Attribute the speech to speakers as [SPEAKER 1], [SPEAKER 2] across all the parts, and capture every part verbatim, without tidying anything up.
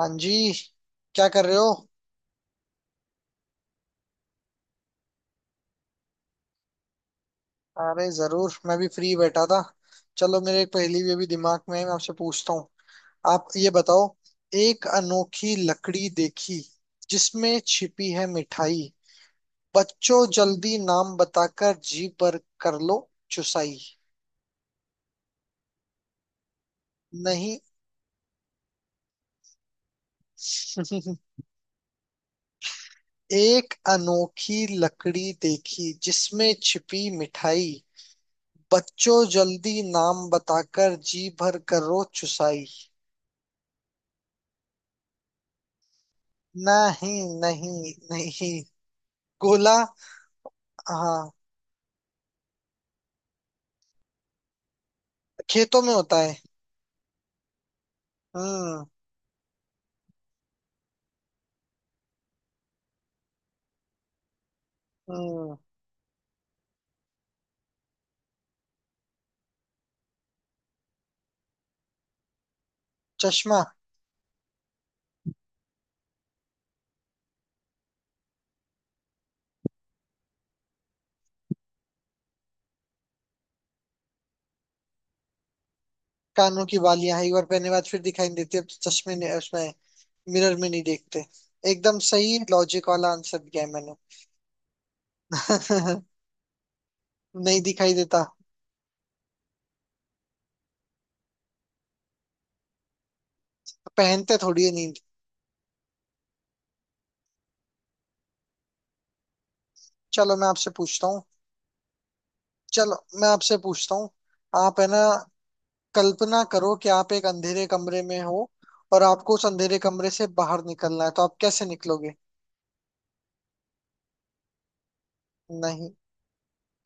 [SPEAKER 1] हाँ जी। क्या कर रहे हो? अरे जरूर, मैं भी फ्री बैठा था। चलो मेरे एक पहेली भी अभी दिमाग में है, मैं आपसे पूछता हूँ। आप ये बताओ। एक अनोखी लकड़ी देखी, जिसमें छिपी है मिठाई, बच्चों जल्दी नाम बताकर जी पर कर लो चुसाई। नहीं। एक अनोखी लकड़ी देखी जिसमें छिपी मिठाई, बच्चों जल्दी नाम बताकर जी भर करो चुसाई। नहीं नहीं नहीं गोला। हाँ। खेतों में होता है। हम्म। हम्म। चश्मा। कानों की बालियां हैं, एक बार पहनने के बाद फिर दिखाई नहीं देती, अब तो चश्मे ने उसमें मिरर में नहीं देखते। एकदम सही लॉजिक वाला आंसर दिया है मैंने। नहीं दिखाई देता। पहनते थोड़ी है नींद। चलो मैं आपसे पूछता हूँ। चलो मैं आपसे पूछता हूँ। आप है ना, कल्पना करो कि आप एक अंधेरे कमरे में हो, और आपको उस अंधेरे कमरे से बाहर निकलना है, तो आप कैसे निकलोगे? नहीं,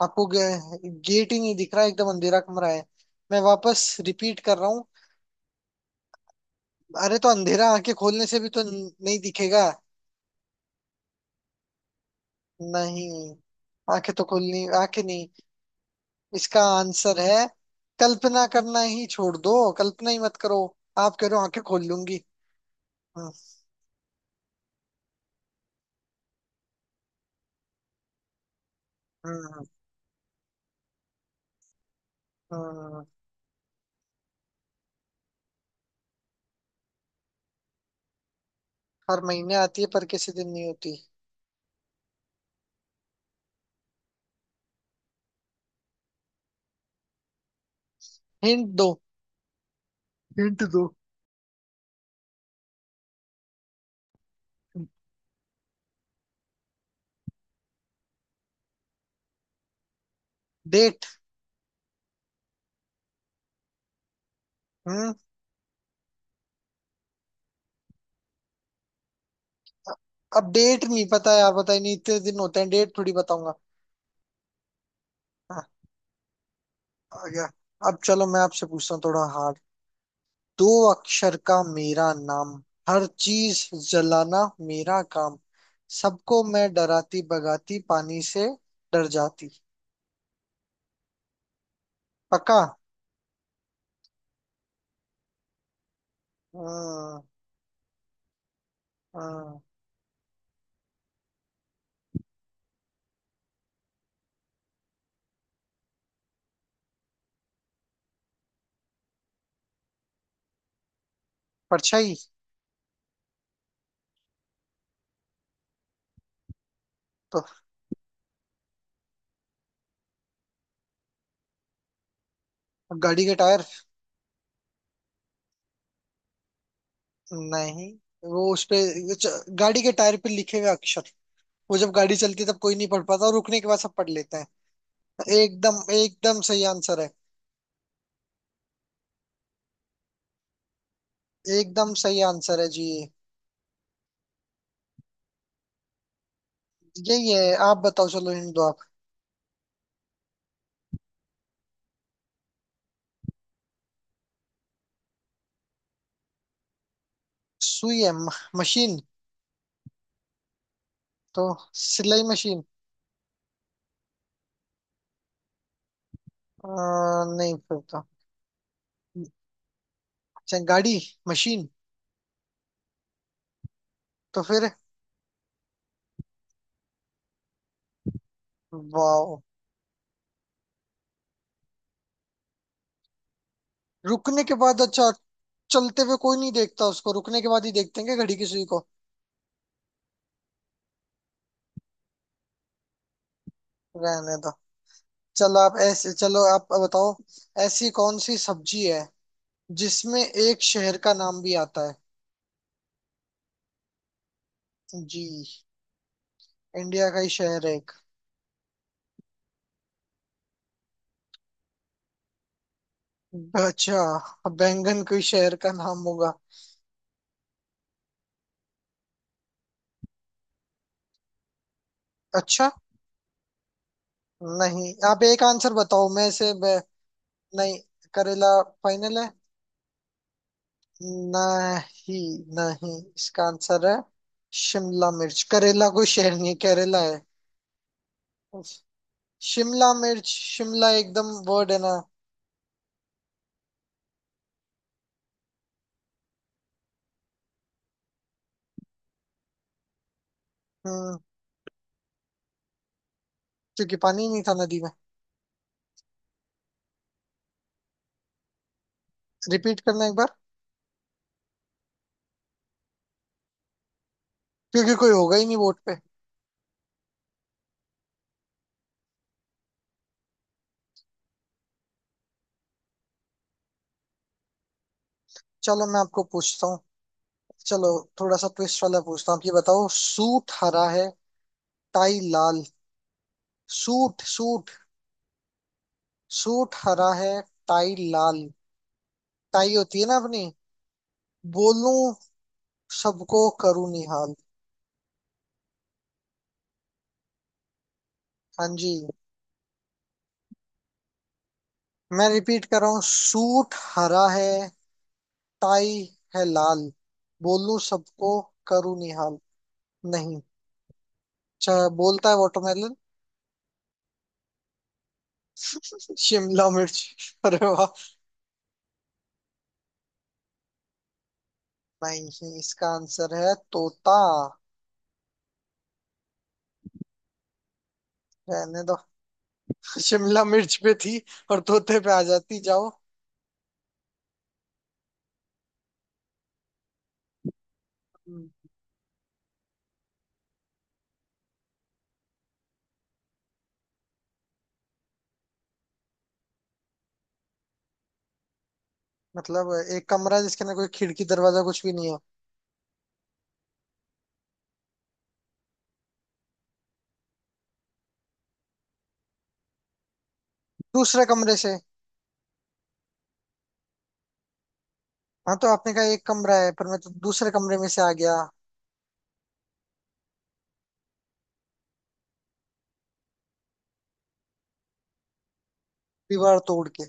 [SPEAKER 1] आपको गेट ही नहीं दिख रहा है, एकदम अंधेरा कमरा है। मैं वापस रिपीट कर रहा हूँ। अरे तो अंधेरा आंखें खोलने से भी तो न- नहीं दिखेगा। नहीं, आंखें तो खोलनी, आंखें नहीं इसका आंसर है। कल्पना करना ही छोड़ दो, कल्पना ही मत करो। आप कह रहे हो आंखें खोल लूंगी। हम्म। हम्म। हम्म। हर महीने आती है पर किसी दिन नहीं होती? हिंट दो। हिंट दो। डेट। हम्म। अब डेट नहीं पता यार, बताइए, नहीं इतने दिन होते हैं, डेट थोड़ी बताऊंगा। आ गया। अब चलो मैं आपसे पूछता हूँ थोड़ा हार्ड। दो अक्षर का मेरा नाम, हर चीज जलाना मेरा काम, सबको मैं डराती भगाती, पानी से डर जाती। पक्का? हम्म। हम्म। परछाई। तो गाड़ी के टायर। नहीं, वो उस पे, च- गाड़ी के टायर पे लिखे हुए अक्षर, वो जब गाड़ी चलती है तब कोई नहीं पढ़ पाता और रुकने के बाद सब पढ़ लेते हैं। एकदम एकदम सही आंसर है। एकदम सही आंसर है जी ये। यही है, आप बताओ, चलो हिंट दो आप। सुई है, म- मशीन। तो सिलाई मशीन। अ, नहीं फिर तो। अच्छा गाड़ी, मशीन। तो फिर? वाओ। रुकने के बाद, अच्छा। चलते हुए कोई नहीं देखता उसको, रुकने के बाद ही देखते हैं क्या घड़ी की सुई को? रहने दो। चलो आप ऐसे चलो, आप बताओ। ऐसी कौन सी सब्जी है जिसमें एक शहर का नाम भी आता है? जी। इंडिया का ही शहर है एक। अच्छा, बैंगन कोई शहर का नाम होगा? अच्छा। नहीं आप एक आंसर बताओ मैं से। नहीं। करेला फाइनल है? नहीं, नहीं इसका आंसर है। शिमला मिर्च। करेला कोई शहर नहीं है, केरला है। शिमला मिर्च। शिमला एकदम वर्ड है ना। हम्म। क्योंकि पानी नहीं था नदी में। रिपीट करना एक बार। क्योंकि कोई होगा ही नहीं बोट पे। चलो मैं आपको पूछता हूँ। चलो। थोड़ा सा ट्विस्ट वाला पूछता हूँ, आप ये बताओ। सूट हरा है, टाई लाल। Suit suit. सूट हरा है, टाई लाल, टाई होती है ना अपनी। बोलूं सबको करूं निहाल। हाँ जी। मैं रिपीट कर रहा हूँ। सूट हरा है, टाई है लाल, बोलूं सबको करूं निहाल। नहीं। अच्छा, बोलता है वाटरमेलन। शिमला मिर्च। अरे वाह। नहीं, इसका आंसर है तोता। रहने दो। शिमला मिर्च पे थी और तोते पे आ जाती, जाओ। हम्म। मतलब एक कमरा है जिसके अंदर कोई खिड़की दरवाजा कुछ भी नहीं है। दूसरे कमरे से। हाँ तो आपने कहा एक कमरा है, पर मैं तो दूसरे कमरे में से आ गया। दीवार तोड़ के।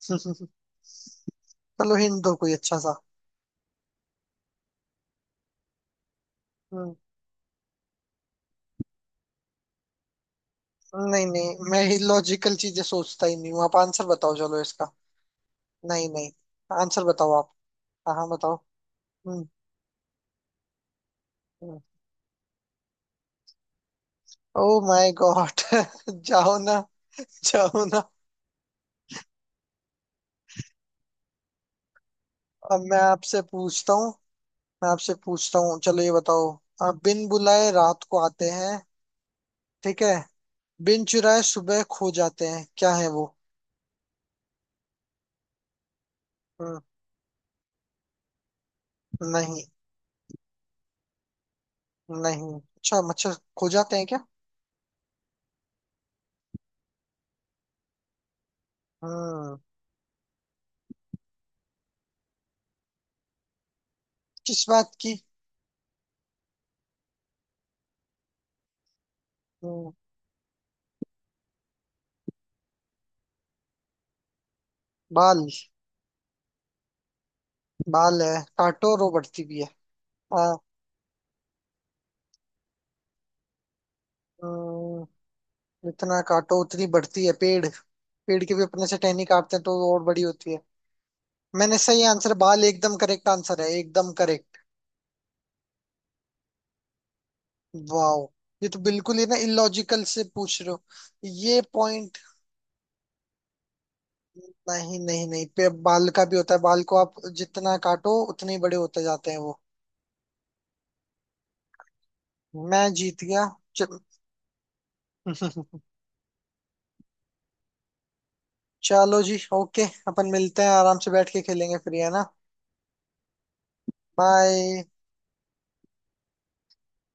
[SPEAKER 1] चलो हिंट दो कोई अच्छा सा। हम्म। नहीं नहीं मैं ही लॉजिकल चीजें सोचता ही नहीं हूँ, आप आंसर बताओ चलो इसका। नहीं नहीं। आंसर बताओ आप। हाँ हाँ, बताओ। हम्म। Oh my God. जाओ ना। जाओ ना। अब मैं आपसे पूछता हूँ। मैं आपसे पूछता हूँ, चलो ये बताओ। आप बिन बुलाए रात को आते हैं, ठीक है, बिन चुराए सुबह खो जाते हैं, क्या है वो? हम्म। नहीं। नहीं अच्छा, मच्छर खो जाते हैं क्या? हम्म। किस बात की? हम्म। बाल। बाल है, काटो रो बढ़ती भी है। हाँ। हम्म। जितना काटो उतनी बढ़ती है, पेड़। पेड़ की भी अपने से टहनी काटते हैं तो वो और बड़ी होती है। मैंने सही आंसर, बाल एकदम करेक्ट आंसर है, एकदम करेक्ट। वाओ। ये तो बिल्कुल ही ना इलॉजिकल से पूछ रहे हो। ये पॉइंट, नहीं नहीं नहीं पे बाल का भी होता है, बाल को आप जितना काटो उतने ही बड़े होते जाते हैं वो। मैं जीत गया। च- चलो जी ओके, अपन मिलते हैं, आराम से बैठ के खेलेंगे फिर, है ना? बाय।